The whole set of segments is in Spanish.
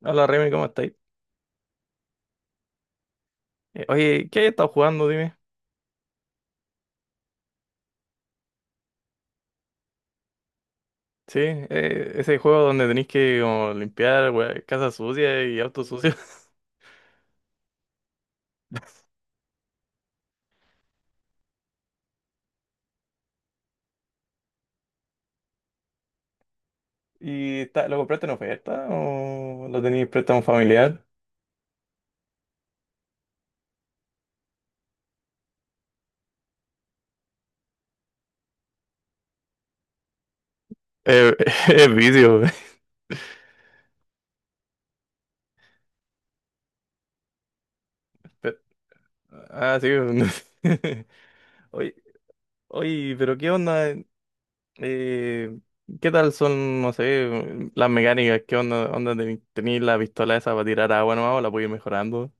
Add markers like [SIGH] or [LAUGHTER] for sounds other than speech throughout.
Hola Remy, ¿cómo estáis? Oye, ¿qué has estado jugando? Dime. Sí, ese juego donde tenéis que como, limpiar wea, casa sucia y auto sucio. [LAUGHS] ¿Y está, lo compraste en oferta o lo tenéis préstamo familiar? Eh, [LAUGHS] es vicio. [LAUGHS] Pe- Ah, sí. [LAUGHS] no sé. Oye, pero ¿qué onda? Eh, ¿Qué tal son, no sé, las mecánicas? ¿Qué onda? ¿Tenéis la pistola esa para tirar agua nomás o la puedes ir mejorando?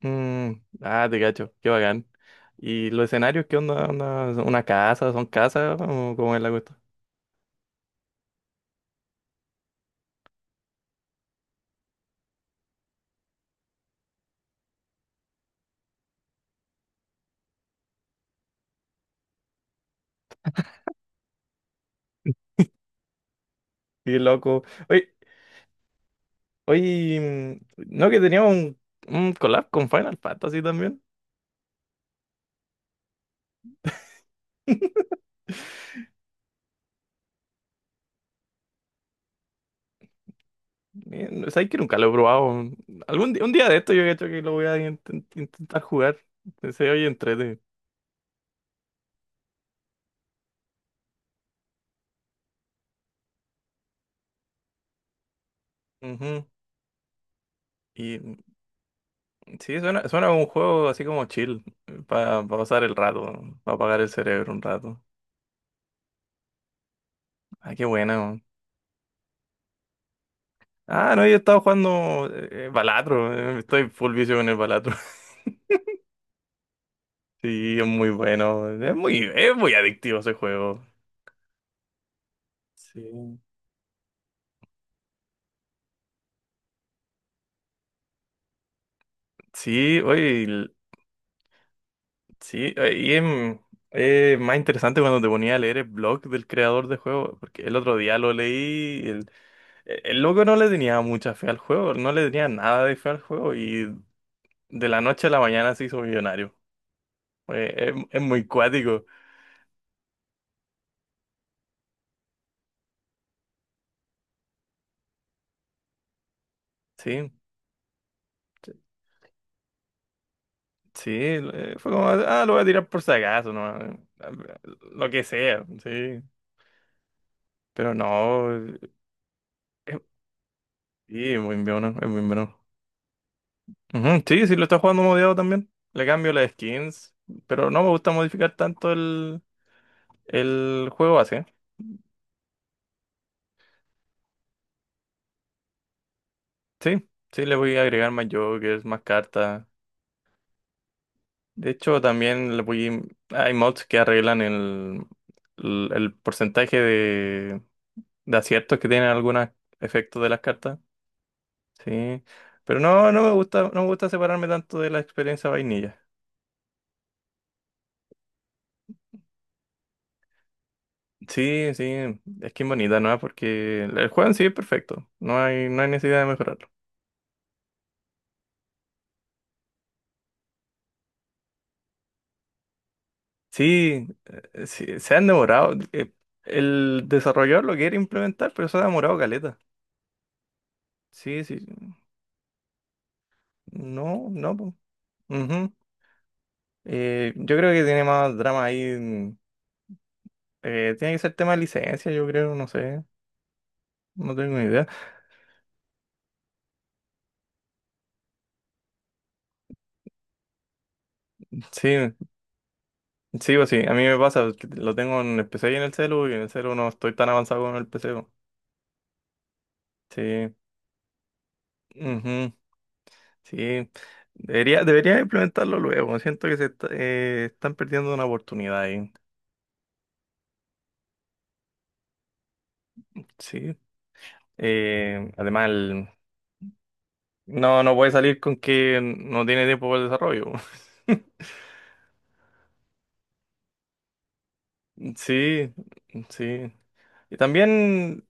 Mm, ah, te cacho, qué bacán. ¿Y los escenarios qué onda? ¿Onda son Una casa? ¿Son casas? ¿O cómo es la cuestión? Qué loco. Oye, mm, ¿no que tenía un collab con Final Fantasy también? [LAUGHS] ¿Sabes que nunca lo he probado? Algún día un día de esto yo creo que lo voy a intentar jugar. Se oye entrete. Ujú. Y mm, sí, suena, suena como un juego así como chill, para pasar el rato, para apagar el cerebro un rato. Ah, qué buena. Ah, no, yo he estado jugando Balatro, estoy full vicio con el Balatro. [LAUGHS] Sí, es muy bueno, es muy adictivo ese juego. Sí, sí, oye, sí, y es, es más interesante cuando te ponía a leer el blog del creador de juego, porque el otro día lo leí, el loco no le tenía mucha fe al juego, no le tenía nada de fe al juego y de la noche a la mañana se hizo millonario. Oye, es muy cuático, sí. Sí, fue como, ah, lo voy a tirar por si acaso, no, lo que sea, sí, pero no, es- sí, es muy bueno, es muy bueno. Ujú, sí, sí, lo está jugando modiado también, le cambio las skins, pero no me gusta modificar tanto el juego así, sí, sí, le voy a agregar más jokers, más cartas, de hecho también le voy, hay mods que arreglan el porcentaje de aciertos que tienen algunos efectos de las cartas. Sí, pero no, no me gusta, no me gusta separarme tanto de la experiencia vainilla. Sí, sí, es que es bonita, ¿no? Porque el juego en sí es perfecto, no hay, no hay necesidad de mejorarlo. Sí, sí, se han demorado, el desarrollador lo quiere implementar, pero se ha demorado caleta. Sí, sí, no, no, po. Ujú. Yo creo que tiene más drama ahí, mm, tiene que ser tema de licencia, yo creo, no sé, no tengo ni idea. Sí, sí o sí, a mí me pasa, pues, que lo tengo en el PC y en el celu, y en el celu no estoy tan avanzado con el PC. Po. Sí, ujú, sí. Debería, debería implementarlo luego, siento que se están perdiendo una oportunidad ahí. Sí. Además, no, no puede salir con que no tiene tiempo para el desarrollo. [LAUGHS] Sí, sí. Y también,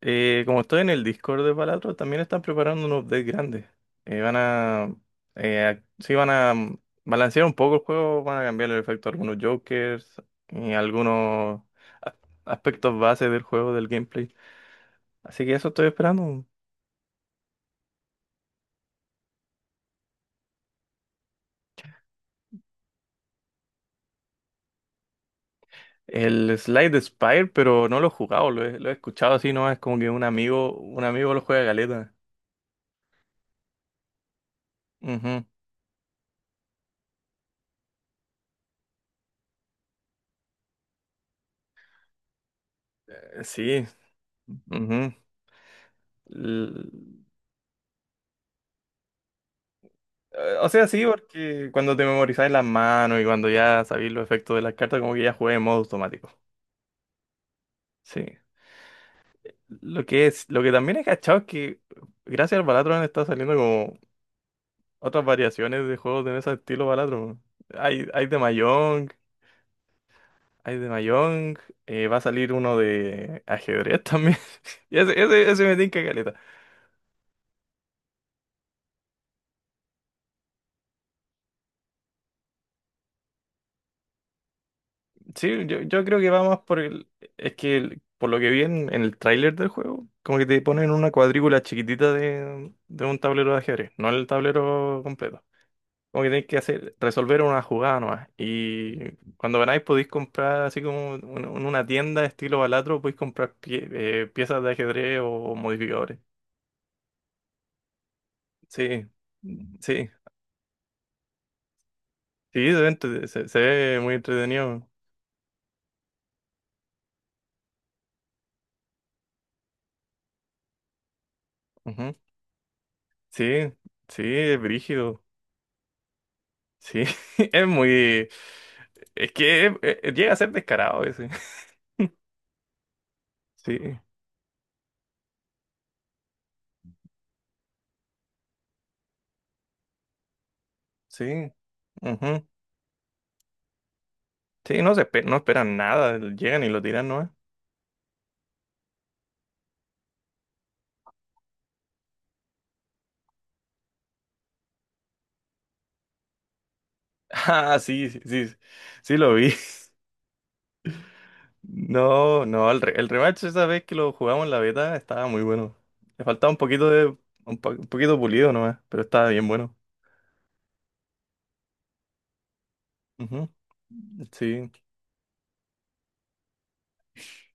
como estoy en el Discord de Palatro, también están preparando un update grande. Eh, van a, sí, van a balancear un poco el juego, van a cambiar el efecto a algunos jokers y algunos a- aspectos base del juego, del gameplay. Así que eso estoy esperando. El Slide de Spire, pero no lo he jugado, lo he escuchado así, ¿no? Es como que un amigo lo juega galeta. Ujú. Sí. Ujú. O sea, sí, porque cuando te memorizáis las manos y cuando ya sabéis los efectos de las cartas, como que ya juegas en modo automático. Sí. Lo que es, lo que también he cachado es que gracias al Balatro han estado saliendo como otras variaciones de juegos de ese estilo Balatro. Hay, hay de Mahjong, va a salir uno de ajedrez también. [LAUGHS] Y ese me tinca caleta. Sí, yo creo que va más por el... Es que por lo que vi en el tráiler del juego, como que te ponen una cuadrícula chiquitita de un tablero de ajedrez, no el tablero completo. Como que tenéis que hacer, resolver una jugada nomás. Y cuando ganáis podéis comprar, así como en una tienda estilo Balatro, podéis comprar piezas de ajedrez o modificadores. Sí, sí, sí, se ve, se ve muy entretenido. Ujú. Sí, sí, es brígido. Sí, [LAUGHS] es muy... Es que llega a ser descarado ese. [LAUGHS] Sí, sí. Ujú. Sí, no se no esperan nada, llegan y lo tiran, ¿no? [LAUGHS] Ah, sí, sí, sí, sí lo vi. [LAUGHS] No, no, el, el rematch esa vez que lo jugamos en la beta estaba muy bueno. Le faltaba un poquito de, un poquito pulido nomás, pero estaba bien bueno. Ujú. Sí.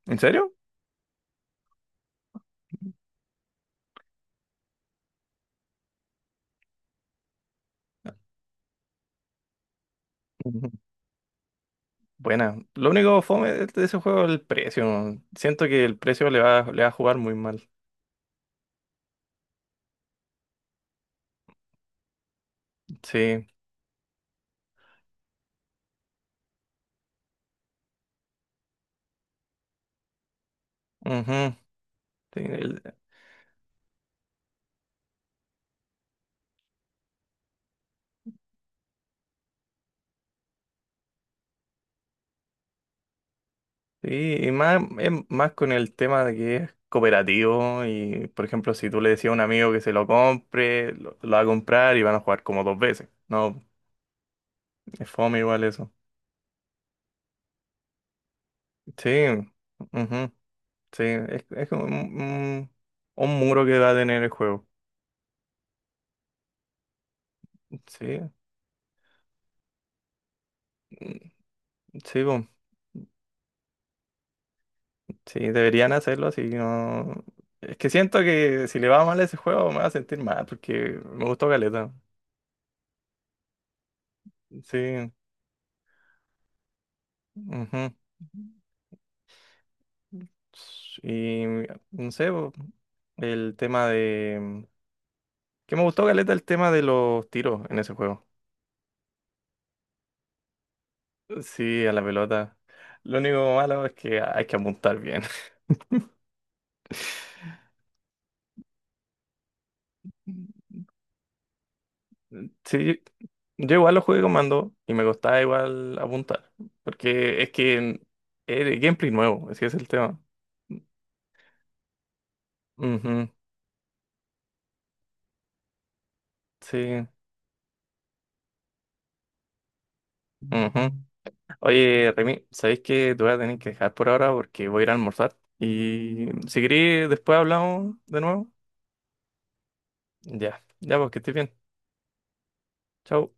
¿En serio? Ujú. Buena. Lo único fome de ese juego es el precio. Siento que el precio le va a jugar muy mal. Sí, ujú, sí, sí, y más, es más con el tema de que es cooperativo y, por ejemplo, si tú le decías a un amigo que se lo compre, lo va a comprar y van a jugar como dos veces. No, es fome igual eso. Sí, ujú, sí, es como un, un muro que va a tener el juego. Sí, mm, sí, po. Sí, deberían hacerlo así, no... Es que siento que si le va mal a ese juego me va a sentir mal porque me gustó caleta. Sí. Ujú. Y no sé, bo, el tema de... mm, que me gustó, Galeta, el tema de los tiros en ese juego. Sí, a la pelota. Lo único malo es que hay que apuntar bien. [LAUGHS] Sí, yo igual lo jugué con mando y me costaba igual apuntar. Porque es que es gameplay nuevo, ese es el tema. Ujú, sí. Ujú. Oye, Remy, ¿sabéis que te voy a tener que dejar por ahora porque voy a ir a almorzar? Y si querés, después hablamos de nuevo. Ya, ya, pues que estés bien. Chau.